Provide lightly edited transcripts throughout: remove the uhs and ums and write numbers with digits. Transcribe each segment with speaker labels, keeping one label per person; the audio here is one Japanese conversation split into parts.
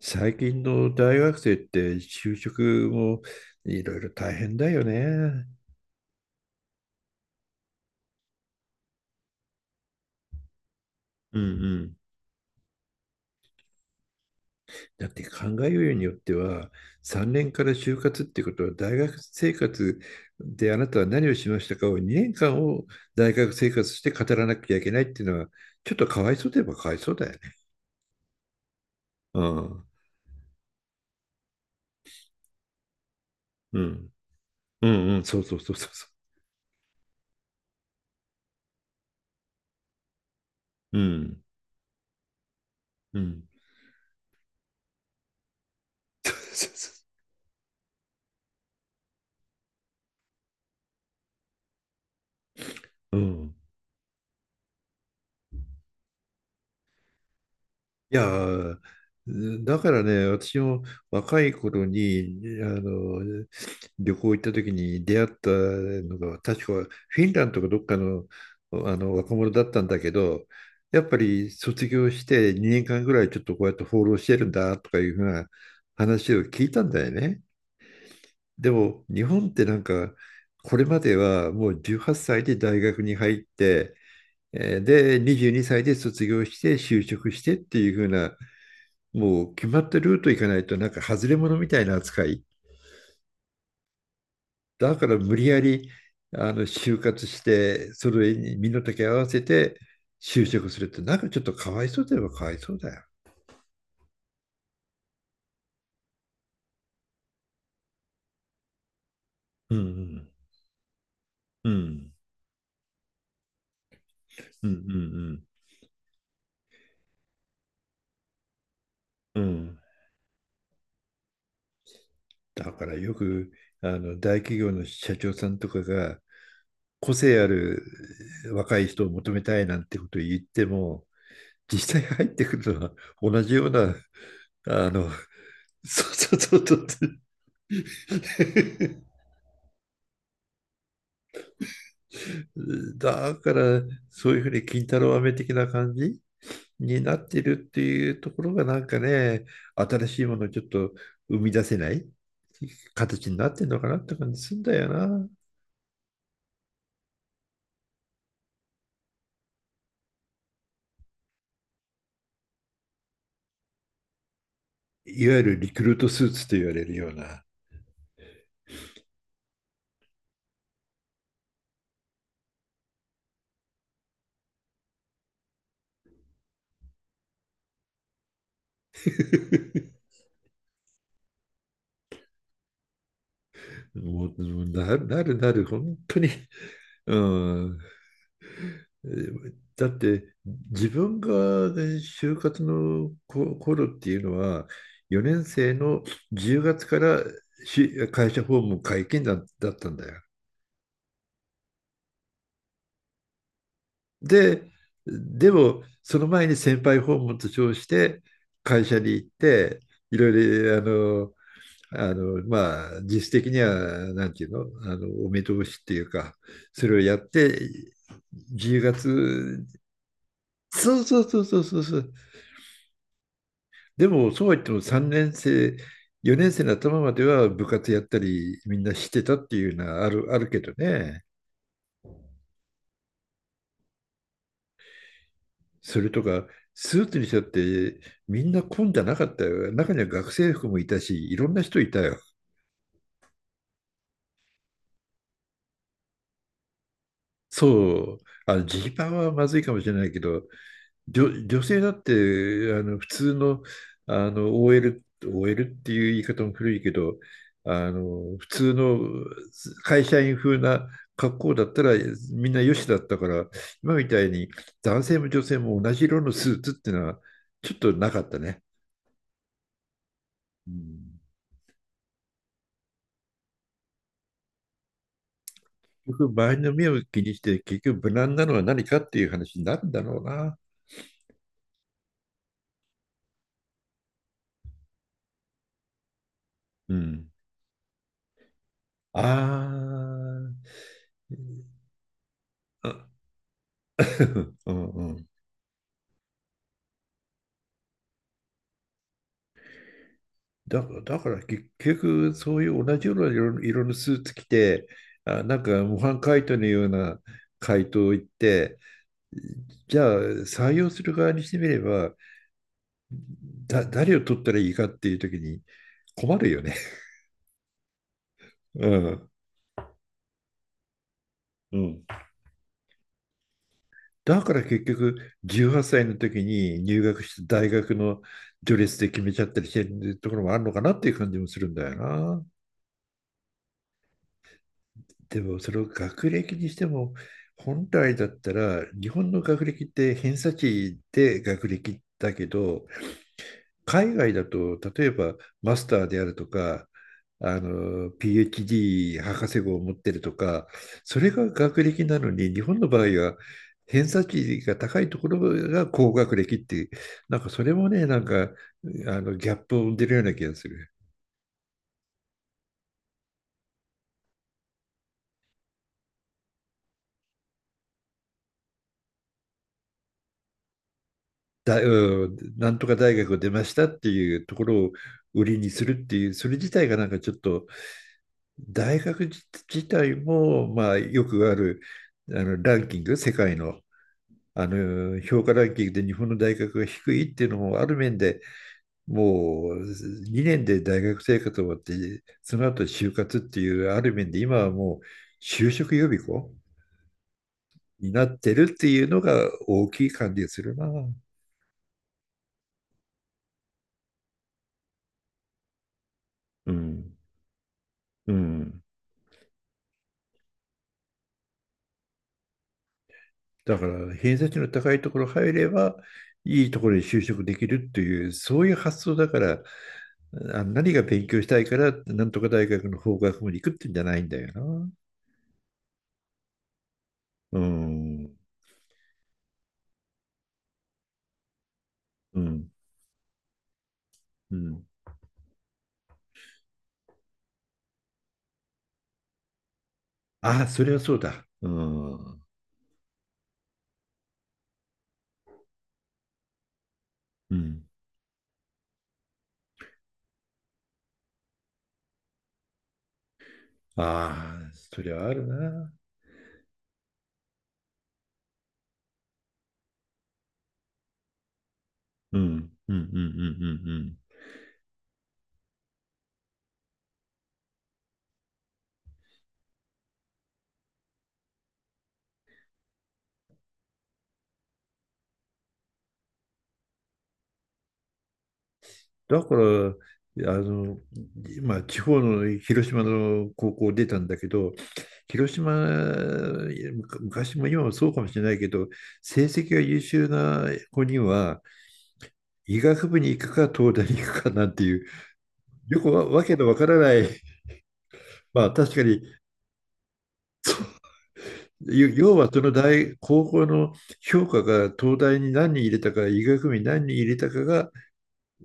Speaker 1: 最近の大学生って就職もいろいろ大変だよね。うんうん。だって考えようによっては3年から就活ってことは大学生活であなたは何をしましたかを2年間を大学生活して語らなきゃいけないっていうのはちょっとかわいそうといえばかわいそうだよね。うんうん。うんうん。そうそうそうそうそう。うんうん。そうそうそう。うん。いやー、だからね、私も若い頃にあの旅行行った時に出会ったのが、確かフィンランドかどっかの、若者だったんだけど、やっぱり卒業して2年間ぐらいちょっとこうやって放浪してるんだとかいうふうな話を聞いたんだよね。でも日本ってなんか、これまではもう18歳で大学に入って、で、22歳で卒業して就職してっていう風なもう決まったルート行かないとなんか外れ者みたいな扱い。だから無理やり就活して、それに身の丈合わせて就職するってなんかちょっとかわいそうといえばかわいそうだよ。うんうんうんうんうんうん。うん。だからよく大企業の社長さんとかが個性ある若い人を求めたいなんてことを言っても、実際入ってくるのは同じような。あのそうそうそうそう。だから、そういうふうに金太郎飴的な感じになってるっていうところがなんかね、新しいものをちょっと生み出せない形になってんのかなって感じするんだよな。いわゆるリクルートスーツと言われるような。もうなるなるなる、本当に。うん。だって自分が、ね、就活の頃っていうのは、4年生の10月から会社訪問解禁だったんだよ。で、でもその前に先輩訪問と称して会社に行って、いろいろまあ、実質的にはなんていうの、お目通しっていうか、それをやって。10月。そうそうそうそうそうそう。でも、そうは言っても3年生、4年生の頭までは部活やったり、みんなしてたっていうのはあるけどね。それとか、スーツにしたって、みんな混んじゃなかったよ。中には学生服もいたし、いろんな人いたよ。そう、ジーパンはまずいかもしれないけど、女性だって、普通の、OL、オーエルっていう言い方も古いけど、普通の会社員風な格好だったら、みんなよしだったから、今みたいに男性も女性も同じ色のスーツっていうのは、ちょっとなかったね。うん。結局、周りの目を気にして、結局、無難なのは何かっていう話になるんだろうな。うん。ああ。うんうん。だから結局、そういう同じような色のスーツ着て、あ、なんか模範解答のような回答を言って、じゃあ採用する側にしてみれば、誰を取ったらいいかっていう時に困るよね。うん。うん。だから結局、18歳の時に入学した大学の序列で決めちゃったりしてるところもあるのかなっていう感じもするんだよな。でも、その学歴にしても、本来だったら日本の学歴って偏差値で学歴だけど、海外だと例えばマスターであるとか、PhD 博士号を持ってるとか、それが学歴なのに、日本の場合は偏差値が高いところが高学歴っていう、なんかそれもね、なんかギャップを生んでるような気がする。うん、なんとか大学を出ましたっていうところを売りにするっていう、それ自体がなんかちょっと、大学自体も、まあ、よくある、ランキング、世界の、評価ランキングで日本の大学が低いっていうのも、ある面でもう2年で大学生活終わって、その後就活っていう、ある面で今はもう就職予備校になってるっていうのが大きい感じがするな。うん。うん。だから偏差値の高いところ入ればいいところに就職できるっていうそういう発想だから、何が勉強したいからなんとか大学の法学部に行くってんじゃないんだよな。うんうんうん。あ、それはそうだ。うんうん。ああ、それはあるな。うんうんうんうんうんうん。だからあの、まあ、地方の広島の高校出たんだけど、広島、昔も今もそうかもしれないけど、成績が優秀な子には、医学部に行くか、東大に行くかなんていう、よくわ、わけのわからない、まあ確かに、要はその高校の評価が東大に何人入れたか、医学部に何人入れたかが、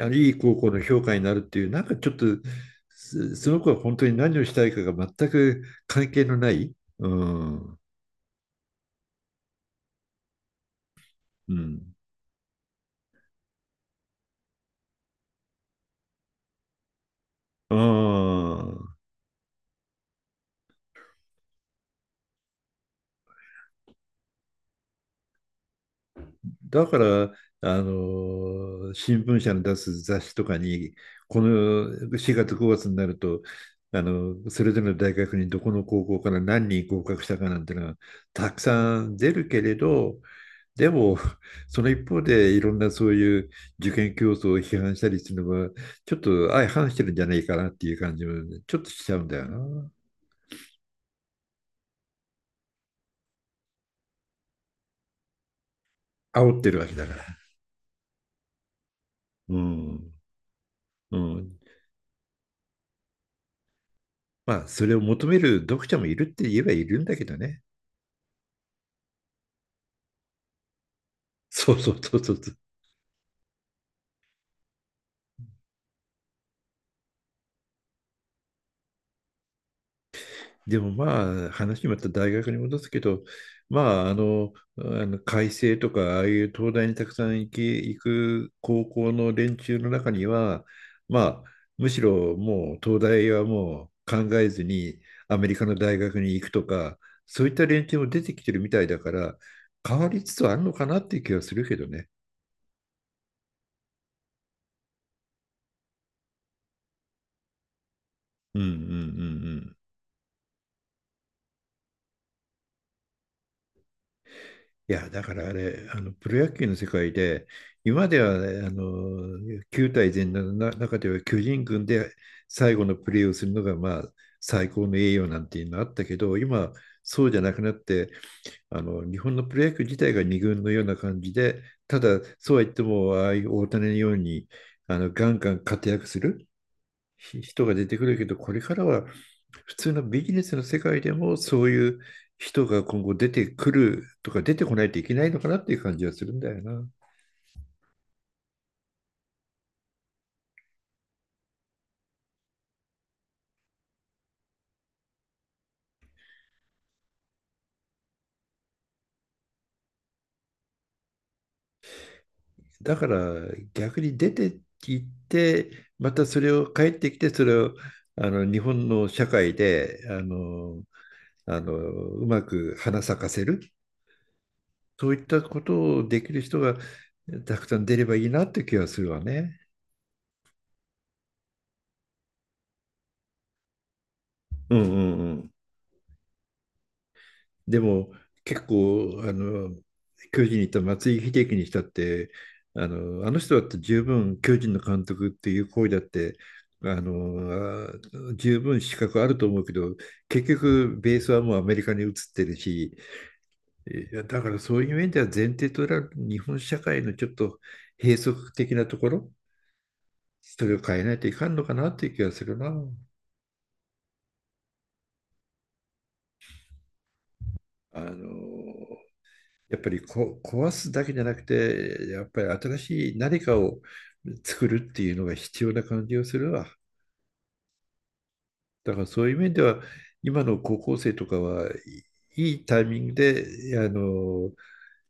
Speaker 1: いい高校の評価になるっていう、なんかちょっと、その子は本当に何をしたいかが全く関係のない。うん。うん。ああ。だから、新聞社の出す雑誌とかに、この4月5月になると、それぞれの大学にどこの高校から何人合格したかなんてのがたくさん出るけれど、でも、その一方でいろんなそういう受験競争を批判したりするのは、ちょっと相反してるんじゃないかなっていう感じもちょっとしちゃうんだよな。煽ってるわけだから。うん。うん。まあ、それを求める読者もいるって言えばいるんだけどね。そうそうそうそうそう。でもまあ、話また大学に戻すけど、まあ開成とかああいう東大にたくさん行く高校の連中の中には、まあ、むしろもう東大はもう考えずにアメリカの大学に行くとか、そういった連中も出てきてるみたいだから、変わりつつあるのかなっていう気はするけどね。うんうんうんうん。いや、だからあれ、プロ野球の世界で、今までは、ね、球対全のな中では巨人軍で最後のプレーをするのが、まあ、最高の栄誉なんていうのあったけど、今、そうじゃなくなって、日本のプロ野球自体が二軍のような感じで、ただ、そうは言っても、ああいう大谷のように、ガンガン活躍する人が出てくるけど、これからは普通のビジネスの世界でもそういう人が今後出てくるとか、出てこないといけないのかなっていう感じはするんだよな。だから逆に出て行って、またそれを帰ってきて、それを日本の社会でうまく花咲かせる、そういったことをできる人がたくさん出ればいいなって気がするわね。うんうんうん。でも結構巨人にいた松井秀喜にしたって、あの人だって十分巨人の監督っていう行為だって、十分資格あると思うけど、結局ベースはもうアメリカに移ってるし、だからそういう面では、前提となる日本社会のちょっと閉塞的なところ、それを変えないといかんのかなっていう気がするな。あのやっぱり壊すだけじゃなくて、やっぱり新しい何かを作るっていうのが必要な感じがするわ。だからそういう面では、今の高校生とかはいいタイミングで、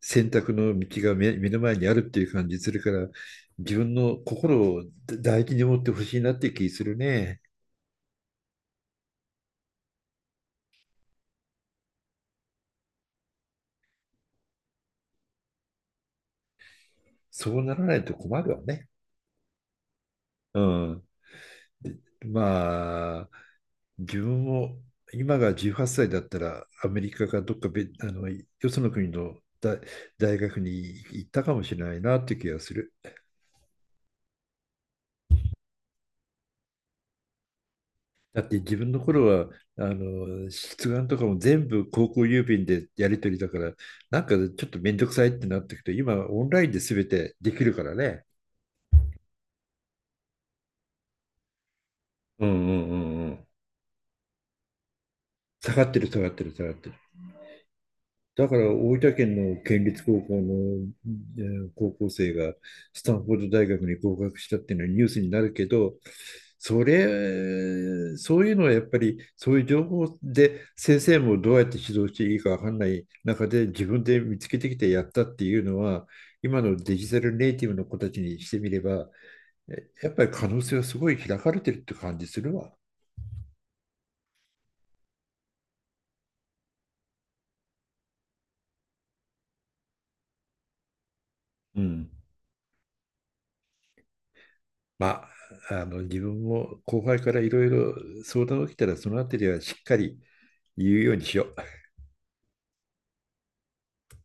Speaker 1: 選択の道が目の前にあるっていう感じするから、自分の心を大事に持ってほしいなっていう気するね。そうならないと困るわね。うん。まあ、自分も今が18歳だったらアメリカかどっかべあのよその国の大学に行ったかもしれないなっていう気がする。だって自分の頃は出願とかも全部高校郵便でやり取りだから、なんかちょっと面倒くさいってなってくと、今オンラインで全てできるからね。うんうんうんうん。下がってる下がってる下がってる。だから大分県の県立高校の、高校生がスタンフォード大学に合格したっていうのはニュースになるけど、それ、そういうのはやっぱりそういう情報で先生もどうやって指導していいかわかんない中で自分で見つけてきてやったっていうのは、今のデジタルネイティブの子たちにしてみれば、やっぱり可能性はすごい開かれてるって感じするわ。うん。まあ、自分も後輩からいろいろ相談を受けたら、そのあたりはしっかり言うようにしよう。